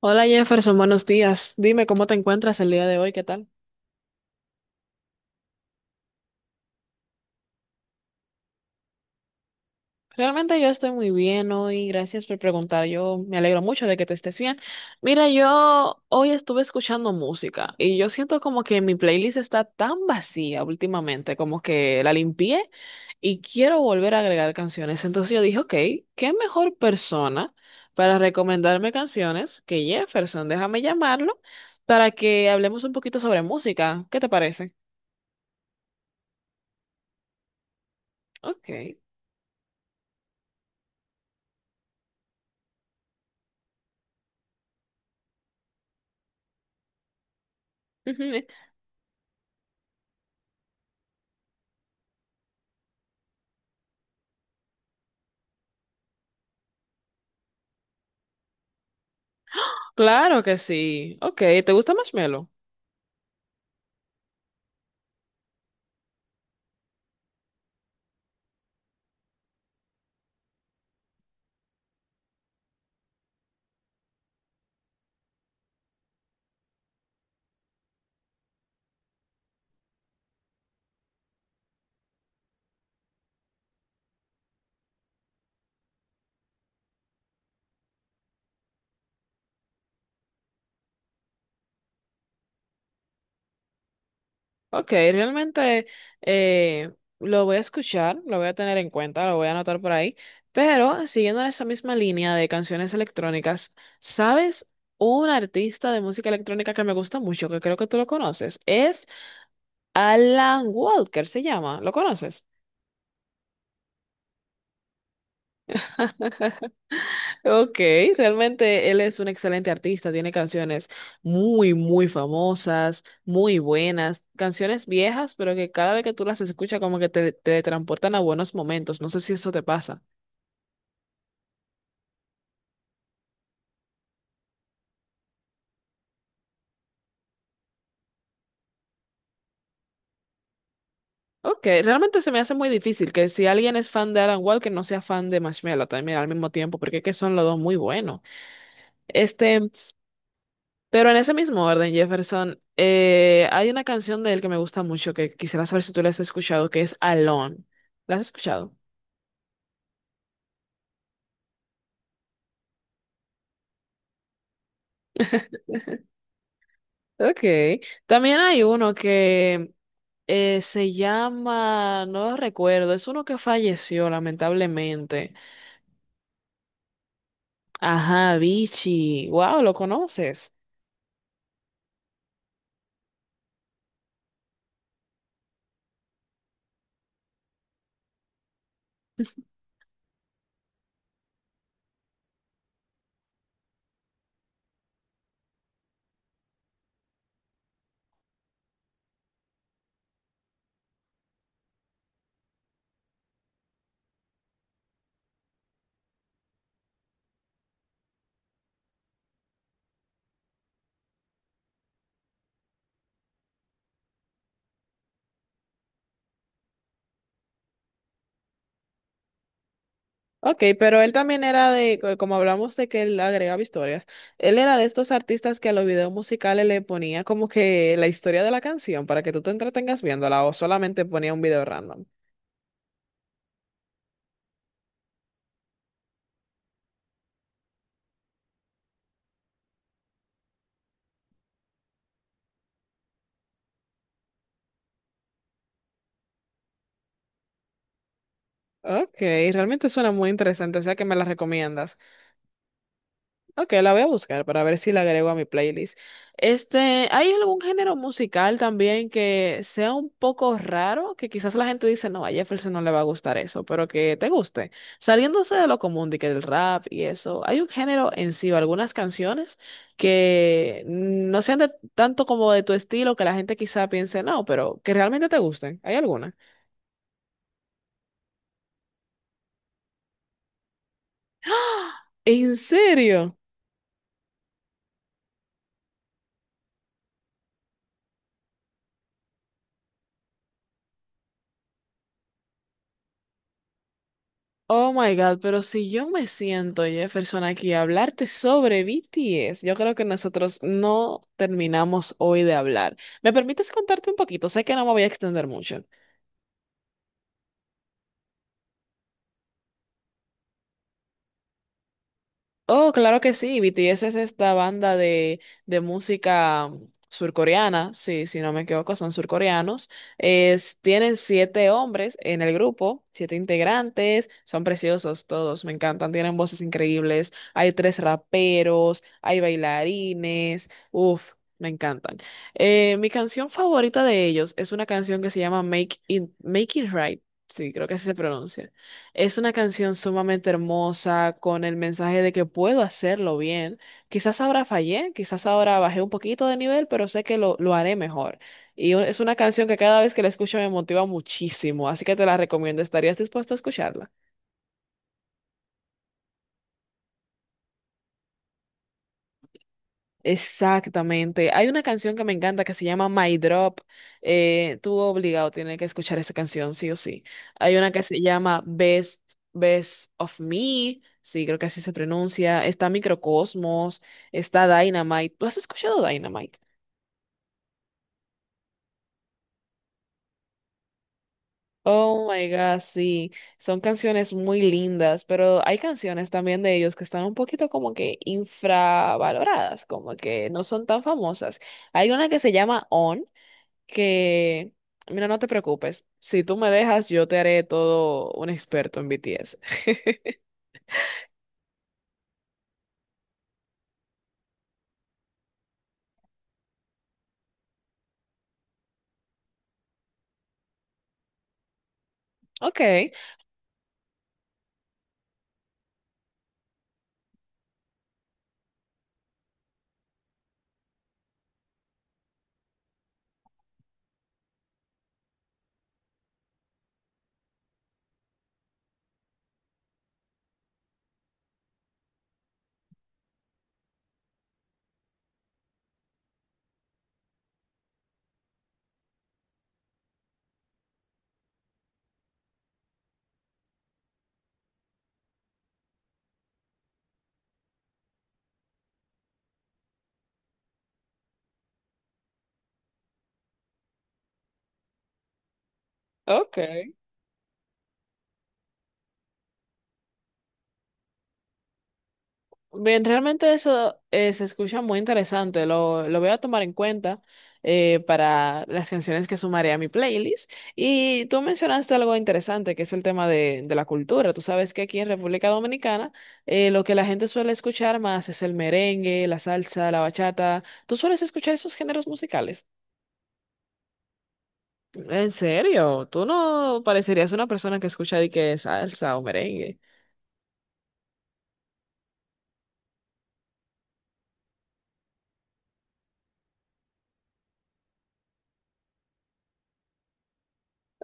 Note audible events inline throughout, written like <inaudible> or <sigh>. Hola Jefferson, buenos días. Dime cómo te encuentras el día de hoy, ¿qué tal? Realmente yo estoy muy bien hoy, gracias por preguntar. Yo me alegro mucho de que te estés bien. Mira, yo hoy estuve escuchando música y yo siento como que mi playlist está tan vacía últimamente, como que la limpié y quiero volver a agregar canciones. Entonces yo dije, ok, ¿qué mejor persona para recomendarme canciones que Jefferson? Déjame llamarlo para que hablemos un poquito sobre música. ¿Qué te parece? Ok. <laughs> Claro que sí. Ok, ¿te gusta Marshmello? Ok, realmente eh, lo voy a escuchar, lo voy a tener en cuenta, lo voy a anotar por ahí. Pero siguiendo esa misma línea de canciones electrónicas, ¿sabes? Un artista de música electrónica que me gusta mucho, que creo que tú lo conoces, es Alan Walker, se llama. ¿Lo conoces? Ok, realmente él es un excelente artista, tiene canciones muy, muy famosas, muy buenas, canciones viejas, pero que cada vez que tú las escuchas como que te transportan a buenos momentos, no sé si eso te pasa. Ok, realmente se me hace muy difícil que si alguien es fan de Alan Walker no sea fan de Marshmello también al mismo tiempo, porque es que son los dos muy buenos. Este, pero en ese mismo orden, Jefferson, hay una canción de él que me gusta mucho, que quisiera saber si tú la has escuchado, que es Alone. ¿La has escuchado? <laughs> Okay. También hay uno que se llama, no lo recuerdo, es uno que falleció lamentablemente. Ajá, Vichy. Wow, ¿lo conoces? Ok, pero él también era de, como hablamos de que él agregaba historias, él era de estos artistas que a los videos musicales le ponía como que la historia de la canción para que tú te entretengas viéndola o solamente ponía un video random. Ok, realmente suena muy interesante, o sea que me la recomiendas. Ok, la voy a buscar para ver si la agrego a mi playlist. Este, ¿hay algún género musical también que sea un poco raro? Que quizás la gente dice, no, a Jefferson no le va a gustar eso, pero que te guste. Saliéndose de lo común, de que el rap y eso, ¿hay un género en sí o algunas canciones que no sean de, tanto como de tu estilo que la gente quizá piense, no, pero que realmente te gusten? ¿Hay alguna? ¡Ah! ¿En serio? Oh my God, pero si yo me siento, Jefferson, aquí a hablarte sobre BTS, yo creo que nosotros no terminamos hoy de hablar. ¿Me permites contarte un poquito? Sé que no me voy a extender mucho. Oh, claro que sí. BTS es esta banda de música surcoreana, sí, si no me equivoco, son surcoreanos. Es, tienen siete hombres en el grupo, siete integrantes, son preciosos todos, me encantan, tienen voces increíbles. Hay tres raperos, hay bailarines, uff, me encantan. Mi canción favorita de ellos es una canción que se llama Make It, Make It Right, sí, creo que así se pronuncia. Es una canción sumamente hermosa, con el mensaje de que puedo hacerlo bien. Quizás ahora fallé, quizás ahora bajé un poquito de nivel, pero sé que lo haré mejor. Es una canción que cada vez que la escucho me motiva muchísimo, así que te la recomiendo. ¿Estarías dispuesto a escucharla? Exactamente. Hay una canción que me encanta que se llama My Drop. Tú obligado tienes que escuchar esa canción, sí o sí. Hay una que se llama Best of Me. Sí, creo que así se pronuncia. Está Microcosmos, está Dynamite. ¿Tú has escuchado Dynamite? Oh my God, sí. Son canciones muy lindas, pero hay canciones también de ellos que están un poquito como que infravaloradas, como que no son tan famosas. Hay una que se llama On. Que, mira, no te preocupes, si tú me dejas, yo te haré todo un experto en BTS. <laughs> Ok, ok. Bien, realmente eso se escucha muy interesante. Lo voy a tomar en cuenta para las canciones que sumaré a mi playlist. Y tú mencionaste algo interesante, que es el tema de la cultura. Tú sabes que aquí en República Dominicana lo que la gente suele escuchar más es el merengue, la salsa, la bachata. ¿Tú sueles escuchar esos géneros musicales? ¿En serio? Tú no parecerías una persona que escucha de que salsa o merengue.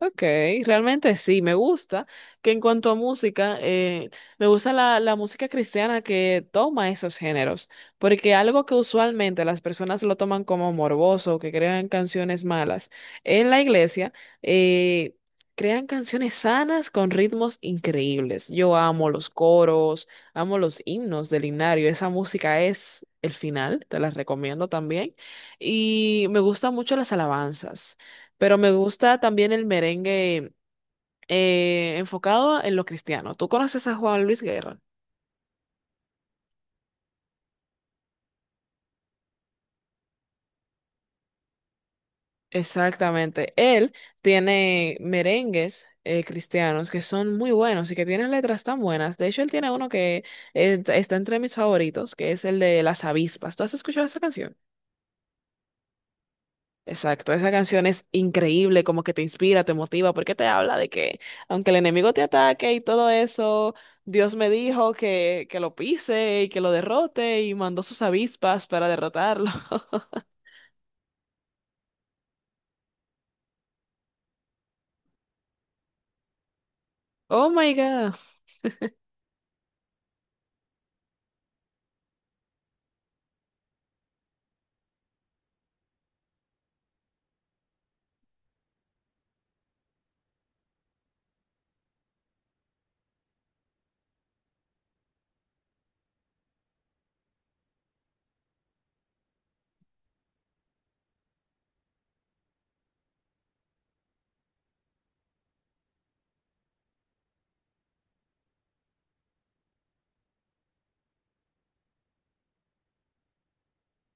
Ok, realmente sí, me gusta que en cuanto a música, me gusta la música cristiana que toma esos géneros, porque algo que usualmente las personas lo toman como morboso, que crean canciones malas, en la iglesia eh, crean canciones sanas con ritmos increíbles. Yo amo los coros, amo los himnos del himnario, esa música es el final, te las recomiendo también, y me gustan mucho las alabanzas. Pero me gusta también el merengue enfocado en lo cristiano. ¿Tú conoces a Juan Luis Guerra? Exactamente. Él tiene merengues cristianos que son muy buenos y que tienen letras tan buenas. De hecho, él tiene uno que está entre mis favoritos, que es el de Las Avispas. ¿Tú has escuchado esa canción? Exacto, esa canción es increíble, como que te inspira, te motiva, porque te habla de que aunque el enemigo te ataque y todo eso, Dios me dijo que lo pise y que lo derrote y mandó sus avispas para derrotarlo. <laughs> Oh my God.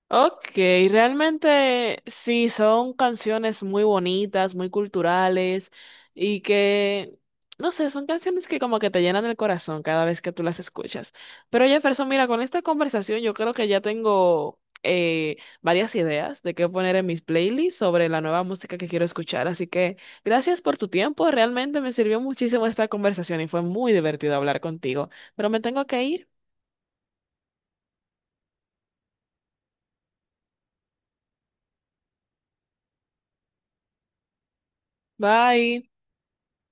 Ok, realmente sí, son canciones muy bonitas, muy culturales y que, no sé, son canciones que como que te llenan el corazón cada vez que tú las escuchas. Pero Jefferson, mira, con esta conversación yo creo que ya tengo varias ideas de qué poner en mis playlists sobre la nueva música que quiero escuchar. Así que gracias por tu tiempo, realmente me sirvió muchísimo esta conversación y fue muy divertido hablar contigo. Pero me tengo que ir. Bye.